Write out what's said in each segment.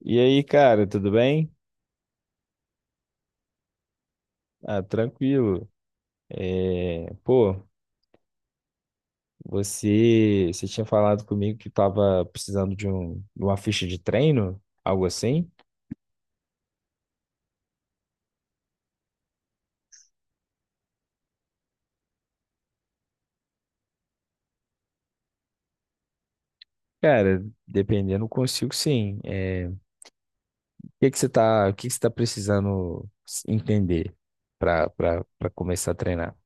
E aí, cara, tudo bem? Ah, tranquilo. É, pô, você tinha falado comigo que tava precisando de uma ficha de treino, algo assim? Cara, dependendo, consigo sim. É, o O que que você tá precisando entender para começar a treinar?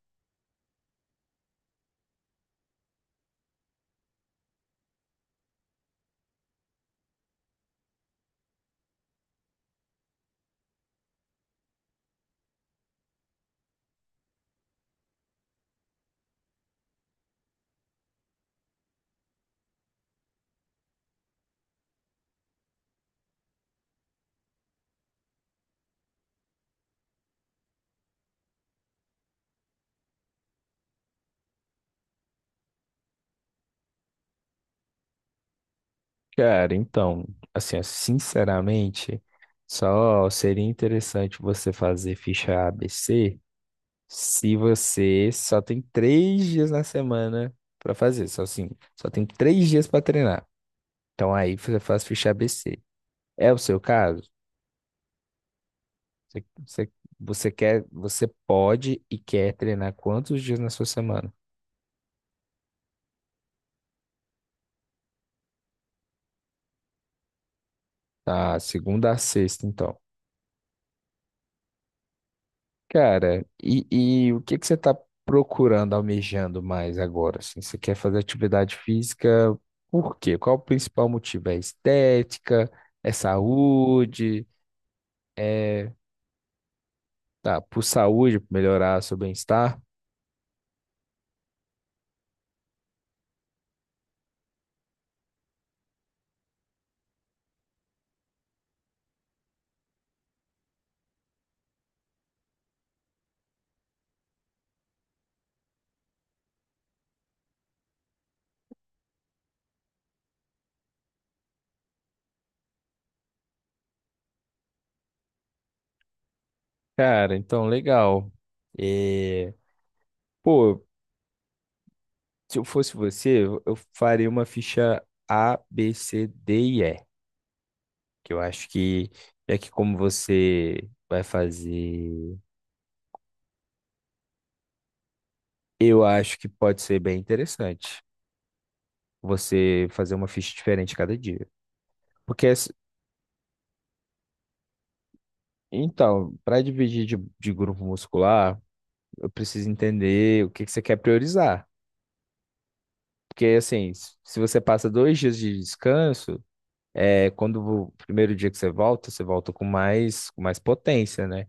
Cara, então, assim, ó, sinceramente, só seria interessante você fazer ficha ABC. Se você só tem três dias na semana pra fazer, só assim, só tem três dias pra treinar. Então aí você faz ficha ABC. É o seu caso? Você, você, você quer, você pode e quer treinar quantos dias na sua semana? Tá, segunda a sexta, então. Cara, e, e o que que você tá procurando, almejando mais agora? Assim, você quer fazer atividade física? Por quê? Qual o principal motivo? É estética? É saúde? É Tá, por saúde, pra melhorar seu bem-estar. Cara, então, legal. É, Pô, se eu fosse você, eu faria uma ficha A, B, C, D e E. Que eu acho que, é que como você vai fazer, eu acho que pode ser bem interessante você fazer uma ficha diferente cada dia. Porque, as- então, para dividir de grupo muscular, eu preciso entender o que que você quer priorizar. Porque, assim, se você passa dois dias de descanso. É, quando o primeiro dia que você volta com mais potência, né?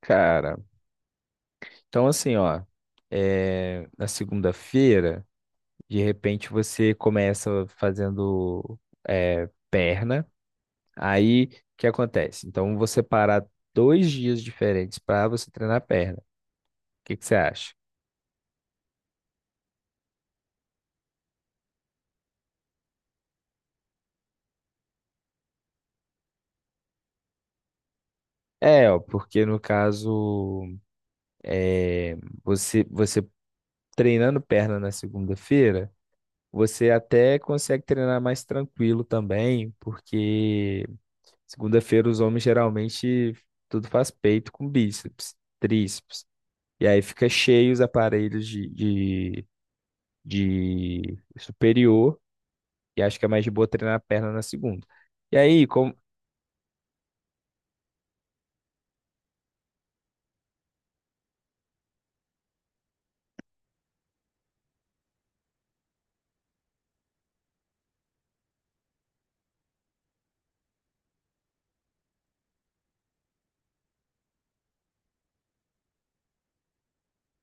Cara, então assim, ó, na segunda-feira, de repente você começa fazendo perna, aí o que acontece? Então você parar dois dias diferentes para você treinar perna. O que que você acha? É, ó, porque no caso, é, você treinando perna na segunda-feira, você até consegue treinar mais tranquilo também, porque segunda-feira os homens geralmente tudo faz peito com bíceps, tríceps. E aí fica cheio os aparelhos de superior, e acho que é mais de boa treinar a perna na segunda. E aí, como,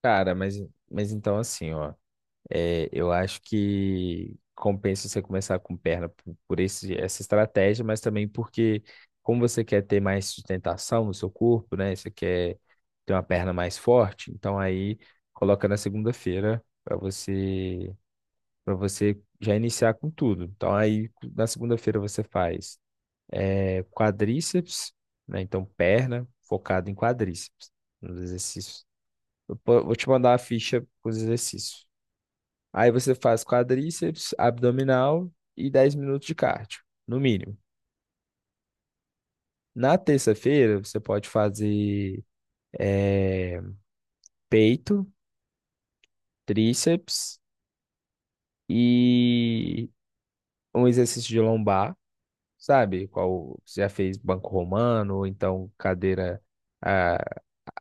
cara, mas então assim, ó. É, eu acho que compensa você começar com perna por essa estratégia, mas também porque, como você quer ter mais sustentação no seu corpo, né? Você quer ter uma perna mais forte, então aí coloca na segunda-feira para você já iniciar com tudo. Então aí na segunda-feira você faz quadríceps, né? Então perna focado em quadríceps, nos exercícios. Vou te mandar a ficha com os exercícios. Aí você faz quadríceps, abdominal e 10 minutos de cardio, no mínimo. Na terça-feira, você pode fazer eh, peito, tríceps e um exercício de lombar, sabe? Qual você já fez banco romano, ou então cadeira, ah,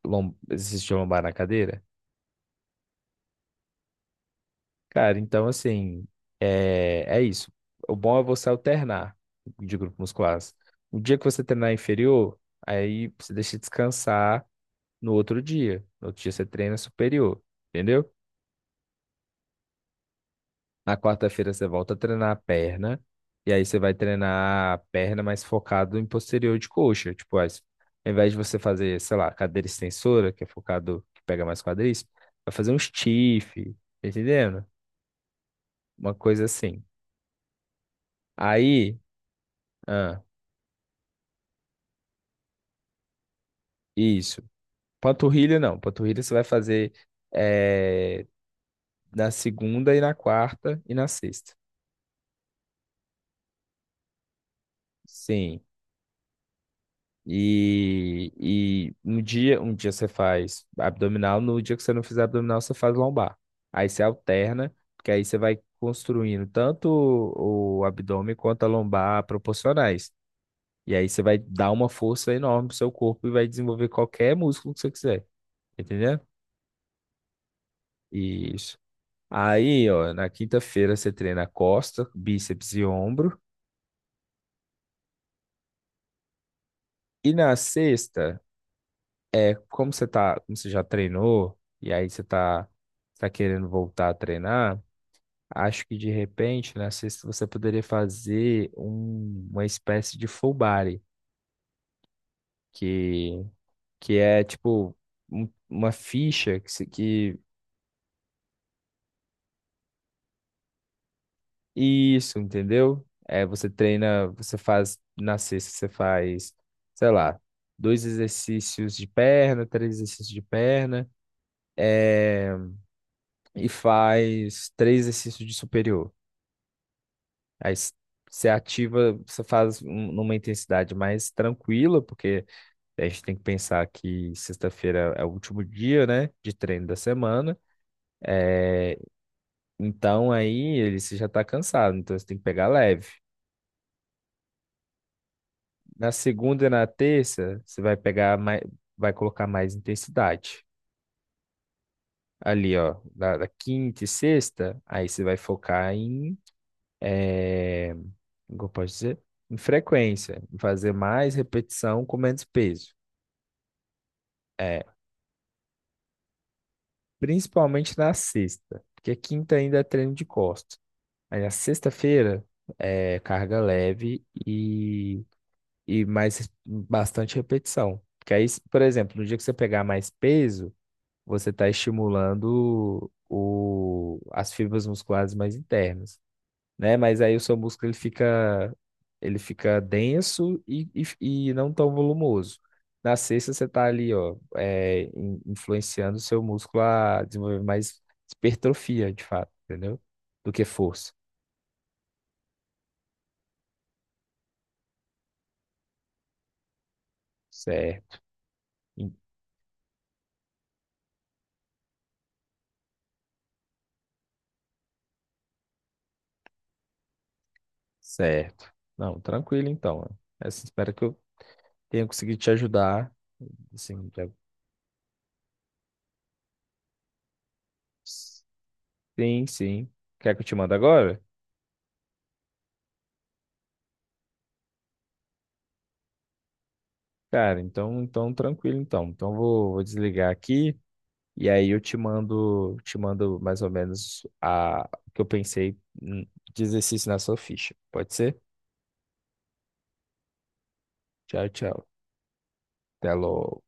exercício de lombar na cadeira? Cara, então assim, é isso. O bom é você alternar de grupos musculares. O dia que você treinar inferior, aí você deixa descansar no outro dia. No outro dia você treina superior, entendeu? Na quarta-feira você volta a treinar a perna, e aí você vai treinar a perna mais focado em posterior de coxa. Tipo, aí, ao invés de você fazer, sei lá, cadeira extensora, que é focado, que pega mais quadríceps, vai fazer um stiff, tá entendendo? Uma coisa assim. Aí. ah, Isso. Panturrilha não. Panturrilha você vai fazer eh, na segunda e na quarta e na sexta. Sim. E, e um dia você faz abdominal, no dia que você não fizer abdominal, você faz lombar. Aí você alterna, porque aí você vai construindo tanto o abdômen quanto a lombar proporcionais. E aí você vai dar uma força enorme pro seu corpo e vai desenvolver qualquer músculo que você quiser. Entendeu? Isso. Aí, ó, na quinta-feira você treina costa, bíceps e ombro. E na sexta, é como você tá, como você já treinou, tá querendo voltar a treinar, acho que de repente na sexta você poderia fazer uma espécie de full body, que, que é tipo uma ficha que, se- que Isso, entendeu? É, você treina, você faz na sexta, você faz, sei lá, dois exercícios de perna, três exercícios de perna, é, e faz três exercícios de superior. Aí s- Você ativa, você faz numa intensidade mais tranquila, porque a gente tem que pensar que sexta-feira é o último dia, né, de treino da semana. É, então aí ele você já está cansado, então você tem que pegar leve. Na segunda e na terça, você vai pegar mais, vai colocar mais intensidade. Ali, ó, da quinta e sexta, aí você vai focar em, eh, como eu posso dizer? Em frequência, em fazer mais repetição com menos peso. É, principalmente na sexta, porque quinta ainda é treino de costas. Aí na sexta-feira é carga leve e mais bastante repetição. Porque aí, por exemplo, no dia que você pegar mais peso, você está estimulando as fibras musculares mais internas, né? Mas aí o seu músculo ele fica denso e não tão volumoso. Na sexta, você está ali, ó, influenciando o seu músculo a desenvolver mais hipertrofia, de fato, entendeu? Do que força. Certo. In- Certo. Não, tranquilo então. Essa, espero que eu tenha conseguido te ajudar. Assim, já- sim, sim. Quer que eu te mande agora? Cara, então, então tranquilo então. Então vou, vou desligar aqui e aí eu te mando mais ou menos a o que eu pensei de exercício na sua ficha. Pode ser? Tchau, tchau. Até logo.